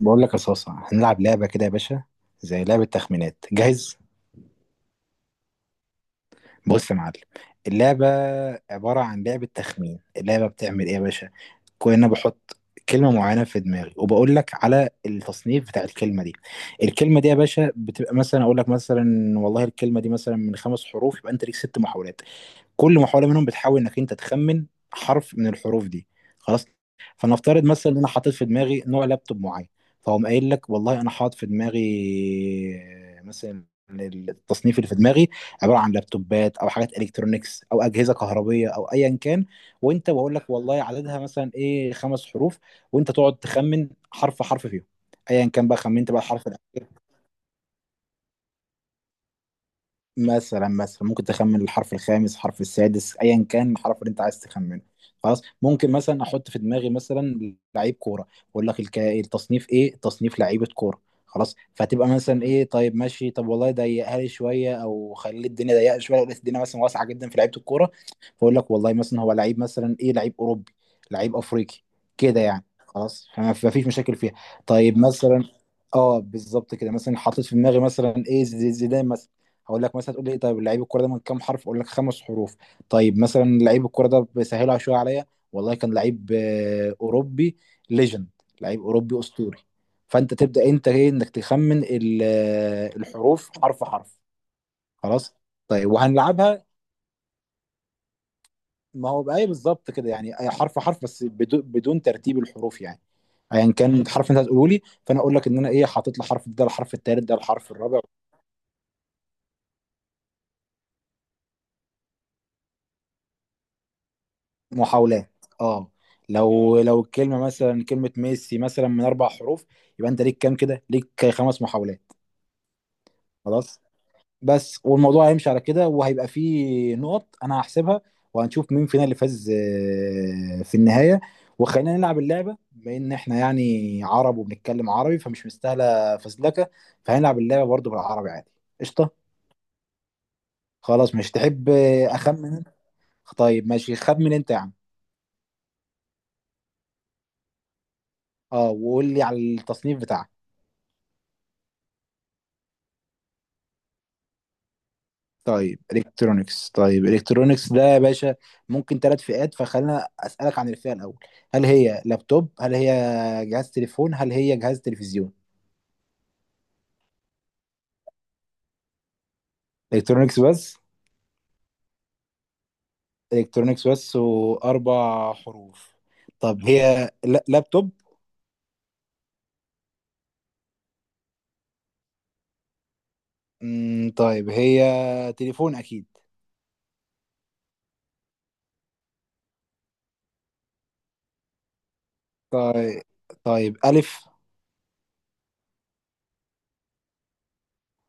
بقول لك يا صاصة هنلعب لعبة كده يا باشا، زي لعبة تخمينات. جاهز؟ بص يا معلم، اللعبة عبارة عن لعبة تخمين. اللعبة بتعمل ايه يا باشا؟ كنا بحط كلمة معينة في دماغي وبقول لك على التصنيف بتاع الكلمة دي. الكلمة دي يا باشا بتبقى مثلا، اقول لك مثلا والله الكلمة دي مثلا من خمس حروف، يبقى انت ليك ست محاولات. كل محاولة منهم بتحاول انك انت تخمن حرف من الحروف دي. خلاص. فنفترض مثلا ان انا حاطط في دماغي نوع لابتوب معين، فهم قايل لك والله انا حاطط في دماغي مثلا التصنيف اللي في دماغي عباره عن لابتوبات او حاجات الكترونيكس او اجهزه كهربيه او ايا كان، وانت بقول لك والله عددها مثلا ايه خمس حروف، وانت تقعد تخمن حرف حرف فيهم. ايا كان بقى، خمنت بقى حرف مثلا. مثلا ممكن تخمن الحرف الخامس، حرف السادس، ايا كان الحرف اللي انت عايز تخمنه. خلاص. ممكن مثلا احط في دماغي مثلا لعيب كوره واقول لك التصنيف ايه، تصنيف لعيبه كوره. خلاص، فتبقى مثلا ايه، طيب ماشي، طب والله ضيقها لي شويه او خلي الدنيا ضيقه شويه. لو لقيت الدنيا مثلا واسعه جدا في لعيبه الكوره، فاقول لك والله مثلا هو لعيب مثلا ايه، لعيب اوروبي، لعيب افريقي، كده يعني. خلاص، فما ما فيش مشاكل فيها. طيب مثلا، اه بالظبط كده، مثلا حطيت في دماغي مثلا ايه، زيدان مثلا، هقول لك مثلا تقول لي إيه، طيب لعيب الكوره ده من كام حرف، اقول لك خمس حروف. طيب مثلا لعيب الكوره ده بيسهلها شويه عليا، والله كان لعيب اوروبي، ليجند، لعيب اوروبي اسطوري. فانت تبدا انت ايه، انك تخمن الحروف، حرف حرف. خلاص. طيب وهنلعبها. ما هو بقى إيه بالظبط كده، يعني أي حرف حرف، بس بدون ترتيب الحروف يعني. ايا كان الحرف اللي انت هتقوله لي، فانا اقول لك ان انا ايه، حاطط له حرف، ده الحرف التالت، ده الحرف الرابع. محاولات، اه. لو لو الكلمه مثلا كلمه ميسي مثلا من اربع حروف، يبقى انت ليك كام؟ كده ليك خمس محاولات. خلاص. بس والموضوع هيمشي على كده، وهيبقى فيه نقط انا هحسبها، وهنشوف مين فينا اللي فاز في النهايه. وخلينا نلعب اللعبه، بما ان احنا يعني عرب وبنتكلم عربي فمش مستاهله فزلكه، فهنلعب اللعبه برضو بالعربي عادي. قشطه. خلاص، مش تحب اخمن انت؟ طيب ماشي، خمن انت يا عم. اه، وقول لي على التصنيف بتاعك. طيب الكترونكس. طيب الكترونكس ده يا باشا ممكن ثلاث فئات، فخلينا اسالك عن الفئه الاول، هل هي لابتوب، هل هي جهاز تليفون، هل هي جهاز تلفزيون. الكترونكس بس. الكترونكس بس واربع حروف. طب هي لابتوب؟ مم، طيب هي تليفون اكيد. طيب طيب، الف.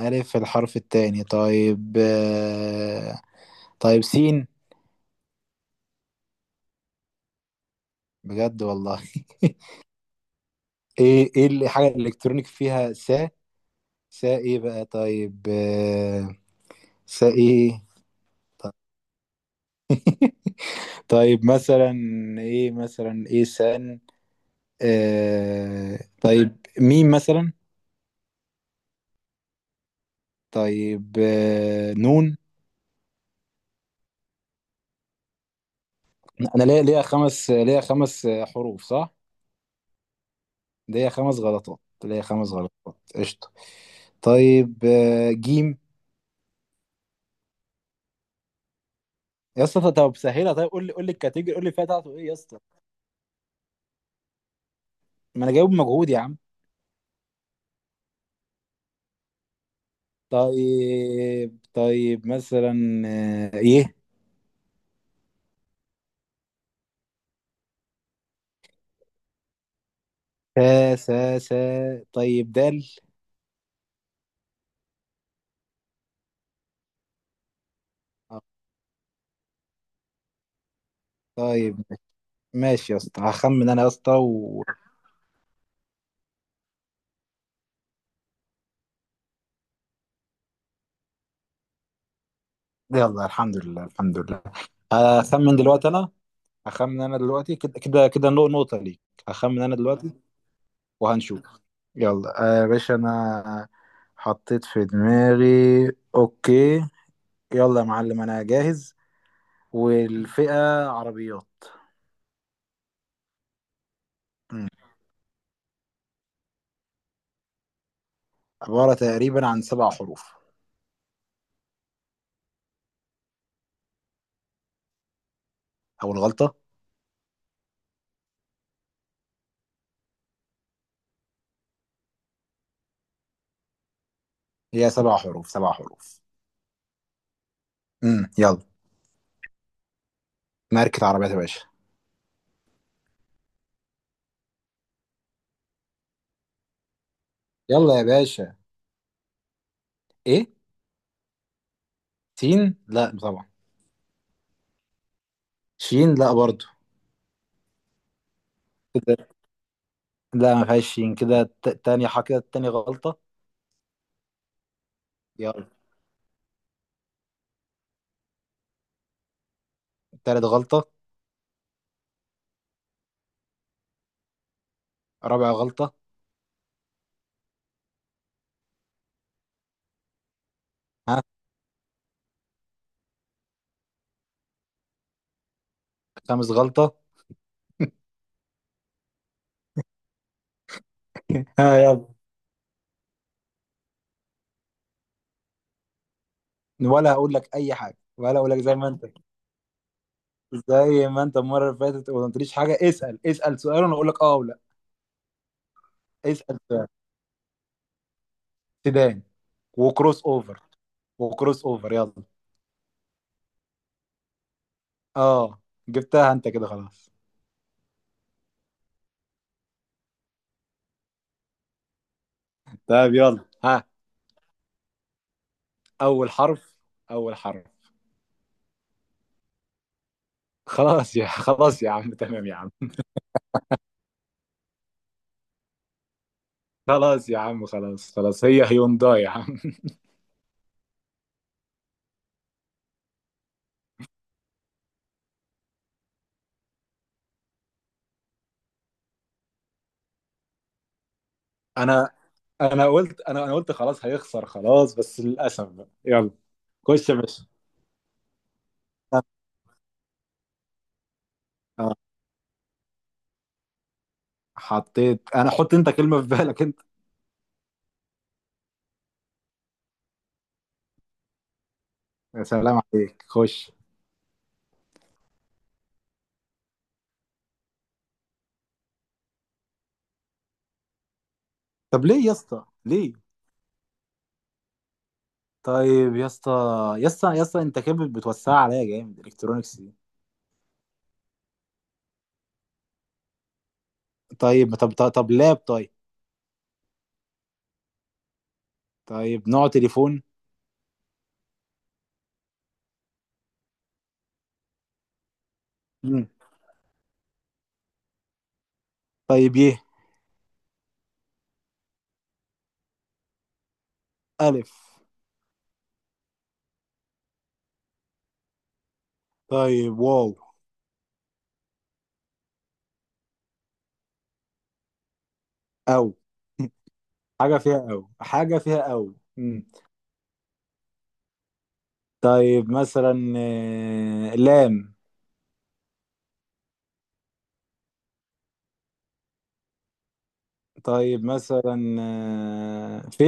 الف الحرف الثاني؟ طيب طيب سين. بجد والله؟ ايه ايه الحاجه الالكترونيك فيها س؟ ساقي بقى. طيب ساقي. طيب، طيب، مثلا ايه، مثلا ايه، سان. آه طيب، ميم مثلا. طيب نون. انا ليا، ليا خمس حروف صح؟ ليا خمس غلطات، ليا خمس غلطات، قشطه. طيب جيم. يا اسطى طب سهلها، طيب قول لي قول لي الكاتيجوري، قول لي فيها بتاعته ايه يا اسطى. ما انا جايب مجهود يا عم. طيب طيب مثلا، ي. سا. طيب دال. آه، طيب ماشي يا اسطى، هخمن انا يا اسطى و... يلا، الحمد لله الحمد لله. هخمن دلوقتي انا. هخمن انا دلوقتي كده كده كده، نقطة ليك. هخمن انا دلوقتي وهنشوف. يلا يا باشا، انا حطيت في دماغي، اوكي. يلا يا معلم انا جاهز. والفئة عربيات. مم. عبارة تقريبا عن سبع حروف. او الغلطة. هي سبع حروف، سبع حروف. يلا. ماركة عربيات يا باشا. يلا يا باشا. ايه، سين؟ لا طبعا. شين؟ لا برضو كده. لا ما فيهاش شين كده، تاني حاجة، كده تاني غلطة. يلا. تالت غلطة. رابع غلطة. ها. خامس غلطة. ها يلا. ولا هقول لك اي حاجة ولا هقول لك؟ زي ما انت، زي ما انت المرة اللي فاتت وما قلتليش حاجة، اسأل، اسأل سؤال وانا اقول لك اه ولا. اسأل سؤال. سيدان وكروس اوفر. وكروس اوفر، يلا. اه، جبتها انت كده خلاص. طيب يلا، ها. اول حرف. اول حرف. خلاص يا خلاص يا عم، تمام يا عم. خلاص يا عم، خلاص خلاص، هي هيونداي يا عم. انا، انا قلت خلاص هيخسر خلاص، بس للاسف بقى يلا. خش يا باشا. آه، حطيت انا، حط انت كلمة في بالك انت. يا سلام عليك، خش. طب ليه يا اسطى، ليه؟ طيب يا اسطى، يا اسطى يا اسطى، انت كده بتوسع عليا جامد، الكترونكس دي. طيب طب لاب؟ طيب، طيب نوع تليفون؟ مم. طيب يه. الف. طيب واو. او. حاجة فيها أو، حاجة فيها أو. مم. طيب مثلا لام. طيب مثلا ف.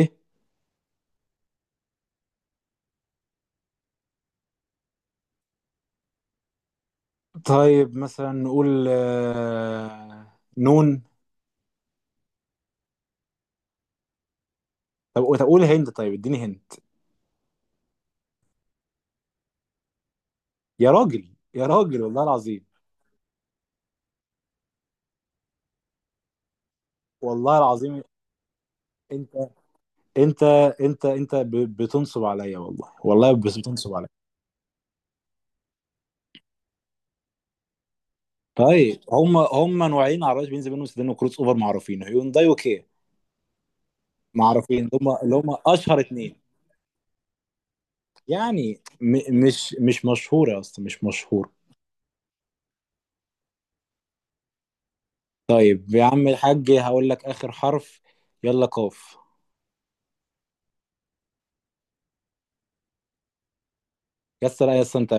طيب مثلا نقول نون. طب طب قول، هند، طيب اديني هند. يا راجل يا راجل والله العظيم. والله العظيم، انت، انت، انت بتنصب عليا، والله والله، بس بتنصب عليا. طيب، هم هم نوعين عربيات بنز منهم سيدان وكروس اوفر معروفين، هيونداي وكيا. معروفين، اللي هم اللي هم اشهر اتنين. يعني مش مش مشهورة أصلا، مش مشهورة. طيب يا عم الحاج هقول لك آخر حرف، يلا. قاف. يس، لا يس، أنت.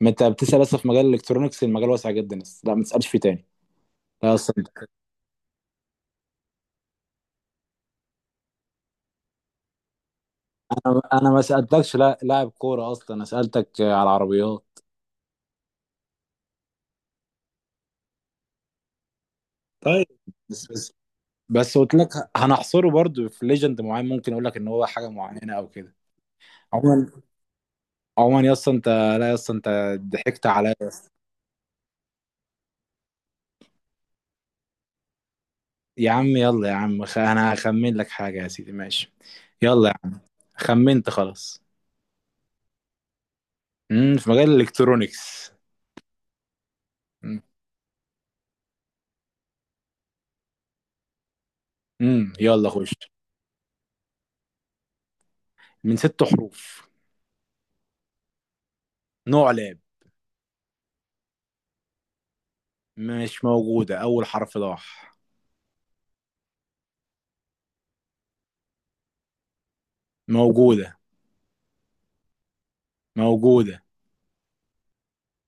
ما أنت بتسأل لسه في مجال الإلكترونيكس، المجال واسع جدا. يس، لا ما تسألش فيه تاني. لا أصلا أنت، أنا، أنا ما سألتكش لا لاعب كورة أصلا، أنا سألتك على العربيات. طيب، بس بس قلت لك، هنحصره برضو في ليجند معين، ممكن أقول لك إن هو حاجة معينة أو كده. عموما، عموما يس أنت. لا يس أنت. ضحكت عليا. يا عم يلا يا عم، انا هخمن لك حاجة يا سيدي، ماشي؟ يلا يا عم. خمنت، خلاص. امم، في مجال الالكترونيكس. امم. أمم، يلا خش. من ست حروف. نوع لاب. مش موجودة. أول حرف ضاح. موجودة. موجودة.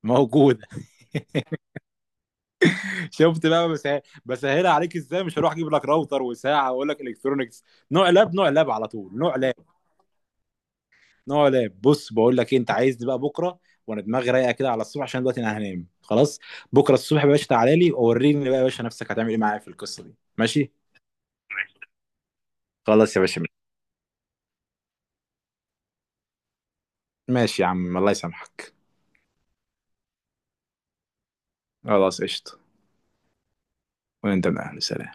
موجودة. شفت بقى؟ بس بسهلها عليك ازاي، مش هروح اجيب لك راوتر وساعة واقول لك الكترونيكس. نوع لاب، نوع لاب، على طول نوع لاب. نوع لعب. بص بقول لك إيه، انت عايز بقى بكره وانا دماغي رايقه كده على الصبح، عشان دلوقتي انا هنام خلاص. بكره الصبح يا باشا تعالى لي ووريني بقى يا باشا، نفسك هتعمل ايه معايا في القصه دي، ماشي؟ خلاص يا باشا. ماشي يا عم، الله يسامحك. خلاص قشطه. وانت من اهل سلام.